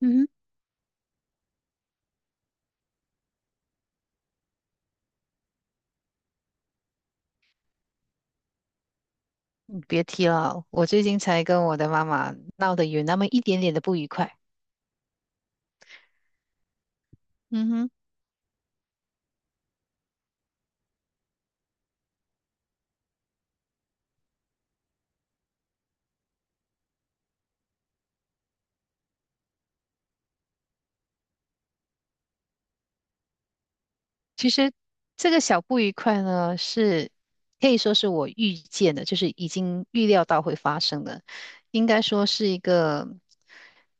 嗯别提了，我最近才跟我的妈妈闹得有那么一点点的不愉快。嗯哼。其实这个小不愉快呢，是可以说是我预见的，就是已经预料到会发生的，应该说是一个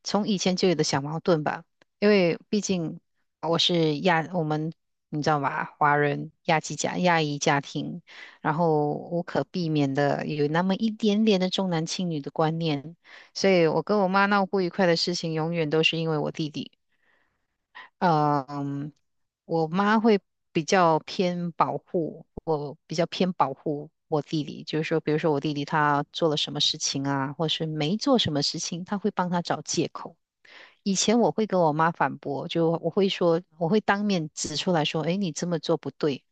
从以前就有的小矛盾吧。因为毕竟我是亚，我们你知道吧，华人亚籍家亚裔家庭，然后无可避免的有那么一点点的重男轻女的观念，所以我跟我妈闹不愉快的事情，永远都是因为我弟弟。嗯，我妈会我比较偏保护我弟弟，就是说，比如说我弟弟他做了什么事情啊，或是没做什么事情，他会帮他找借口。以前我会跟我妈反驳，就我会说，我会当面指出来说，诶，你这么做不对。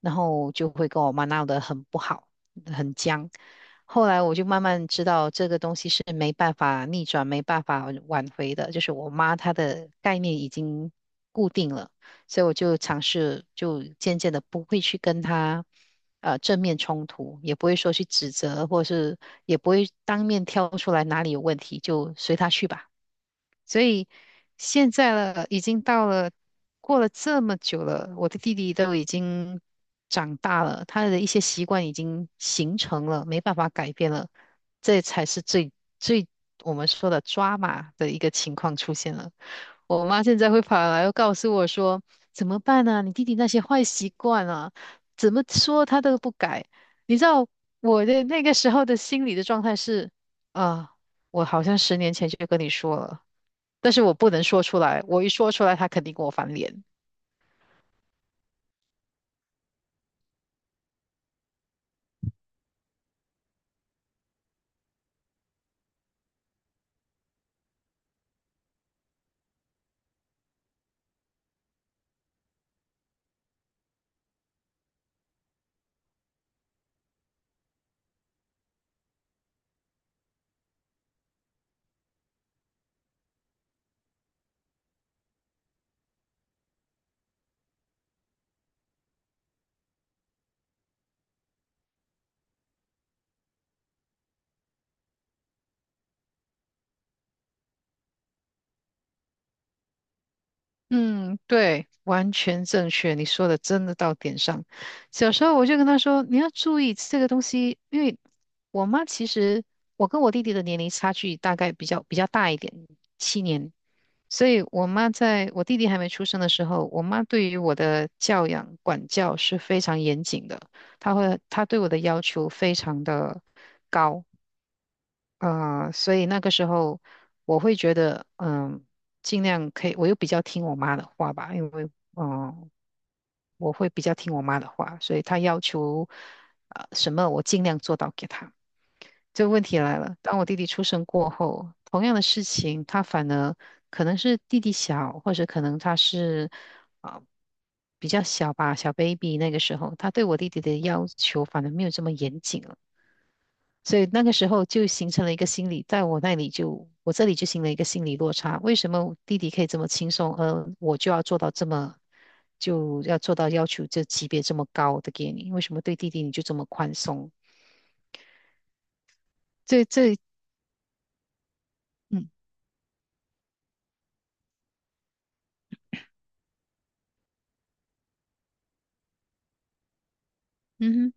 然后就会跟我妈闹得很不好，很僵。后来我就慢慢知道这个东西是没办法逆转、没办法挽回的，就是我妈她的概念已经固定了，所以我就尝试，就渐渐的不会去跟她正面冲突，也不会说去指责，或是也不会当面挑出来哪里有问题，就随她去吧。所以现在了，已经到了。过了这么久了，我的弟弟都已经长大了，他的一些习惯已经形成了，没办法改变了，这才是最最我们说的抓马的一个情况出现了。我妈现在会跑来又告诉我说：“怎么办呢？你弟弟那些坏习惯啊，怎么说他都不改。”你知道我的那个时候的心理的状态是啊，我好像10年前就跟你说了，但是我不能说出来，我一说出来，他肯定跟我翻脸。嗯，对，完全正确，你说的真的到点上。小时候我就跟他说，你要注意这个东西，因为我妈其实我跟我弟弟的年龄差距大概比较大一点，7年，所以我妈在我弟弟还没出生的时候，我妈对于我的教养管教是非常严谨的，她对我的要求非常的。所以那个时候我会觉得，嗯，尽量可以，我又比较听我妈的话吧，因为，嗯，我会比较听我妈的话，所以她要求，什么我尽量做到给她。这个问题来了，当我弟弟出生过后，同样的事情，他反而可能是弟弟小，或者可能他是啊、呃比较小吧，小 baby 那个时候，他对我弟弟的要求反而没有这么严谨了。所以那个时候就形成了一个心理，在我那里就，我这里就形成了一个心理落差。为什么弟弟可以这么轻松，而我就要做到这么，就要做到要求这级别这么高的给你？为什么对弟弟你就这么宽松？这这，嗯嗯哼。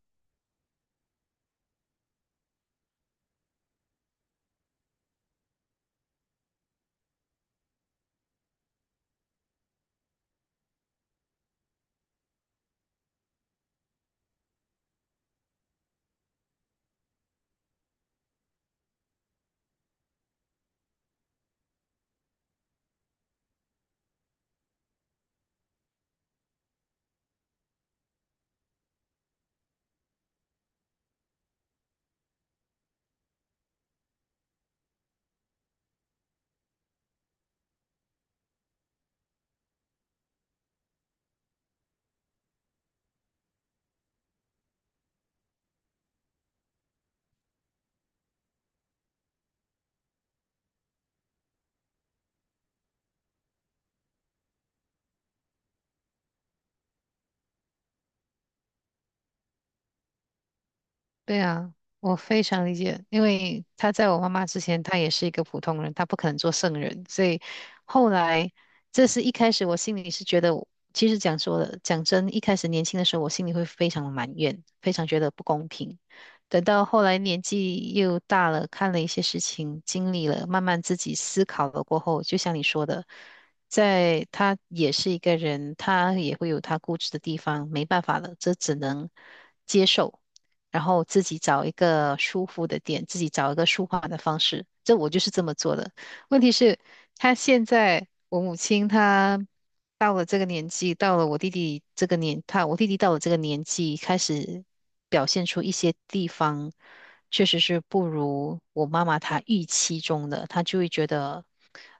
对啊，我非常理解，因为他在我妈妈之前，他也是一个普通人，他不可能做圣人，所以后来，这是一开始我心里是觉得我其实讲说的，讲真，一开始年轻的时候，我心里会非常的埋怨，非常觉得不公平。等到后来年纪又大了，看了一些事情，经历了，慢慢自己思考了过后，就像你说的，在他也是一个人，他也会有他固执的地方，没办法了，这只能接受。然后自己找一个舒服的点，自己找一个舒缓的方式。这我就是这么做的。问题是，他现在我母亲她到了这个年纪，到了我弟弟这个年，她，我弟弟到了这个年纪，开始表现出一些地方确实是不如我妈妈她预期中的，她就会觉得。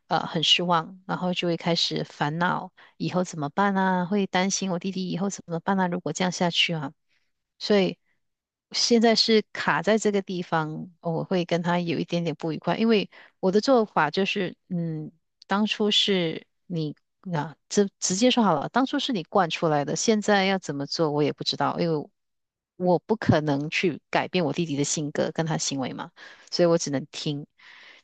呃，很失望，然后就会开始烦恼，以后怎么办啊？会担心我弟弟以后怎么办啊？如果这样下去啊，所以现在是卡在这个地方，我会跟他有一点点不愉快，因为我的做法就是，嗯，当初是你啊，直直接说好了，当初是你惯出来的，现在要怎么做我也不知道，因为我不可能去改变我弟弟的性格跟他行为嘛，所以我只能听。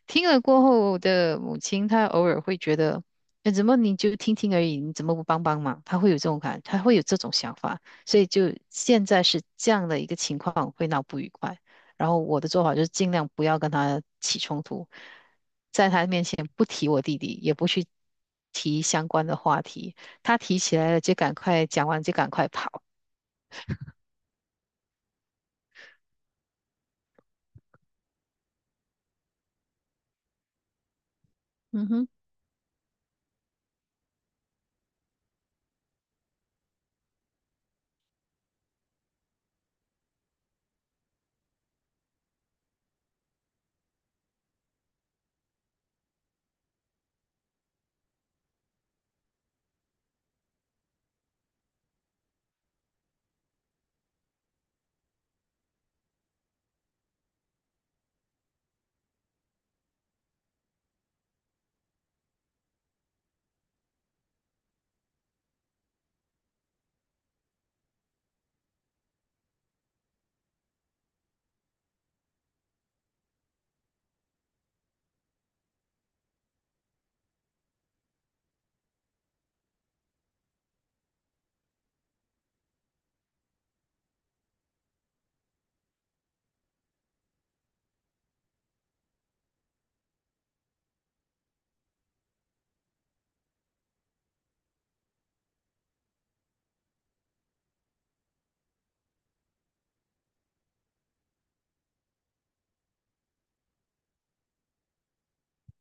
听了过后，我的母亲她偶尔会觉得，哎，怎么你就听听而已，你怎么不帮帮忙？她会有这种想法。所以就现在是这样的一个情况，会闹不愉快。然后我的做法就是尽量不要跟他起冲突，在他面前不提我弟弟，也不去提相关的话题。他提起来了就赶快讲完就赶快跑，嗯哼，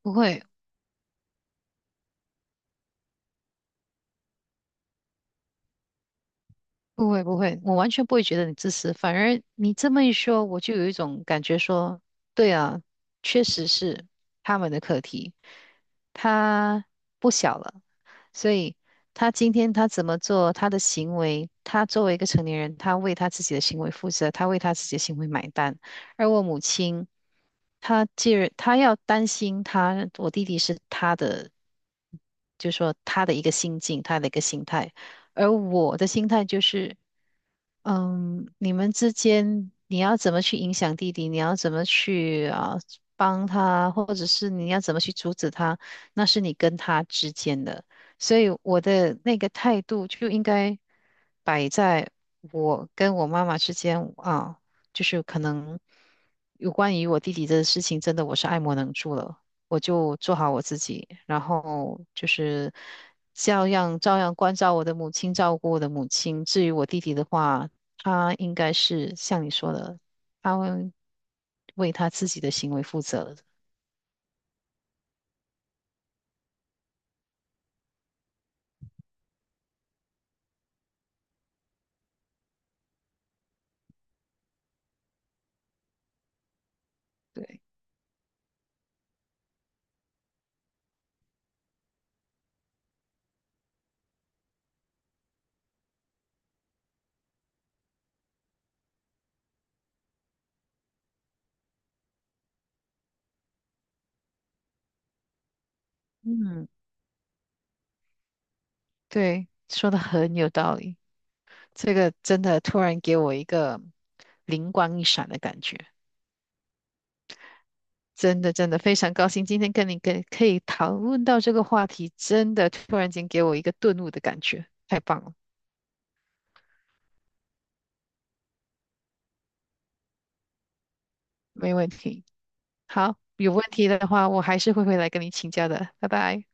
不会，不会不会，我完全不会觉得你自私，反而你这么一说，我就有一种感觉说，对啊，确实是他们的课题，他不小了，所以他今天他怎么做，他的行为，他作为一个成年人，他为他自己的行为负责，他为他自己的行为买单，而我母亲，她既然她要担心他，我弟弟是他的，就说他的一个心境，他的一个心态。而我的心态就是，嗯，你们之间你要怎么去影响弟弟，你要怎么去帮他，或者是你要怎么去阻止他，那是你跟他之间的。所以我的那个态度就应该摆在我跟我妈妈之间啊，就是可能有关于我弟弟的事情，真的我是爱莫能助了。我就做好我自己，然后就是照样关照我的母亲，照顾我的母亲。至于我弟弟的话，他应该是像你说的，他会为他自己的行为负责的对，嗯，对，说的很有道理。这个真的突然给我一个灵光一闪的感觉，真的非常高兴，今天跟你可以讨论到这个话题，真的突然间给我一个顿悟的感觉，太棒了，没问题。好，有问题的话，我还是会回来跟你请教的，拜拜。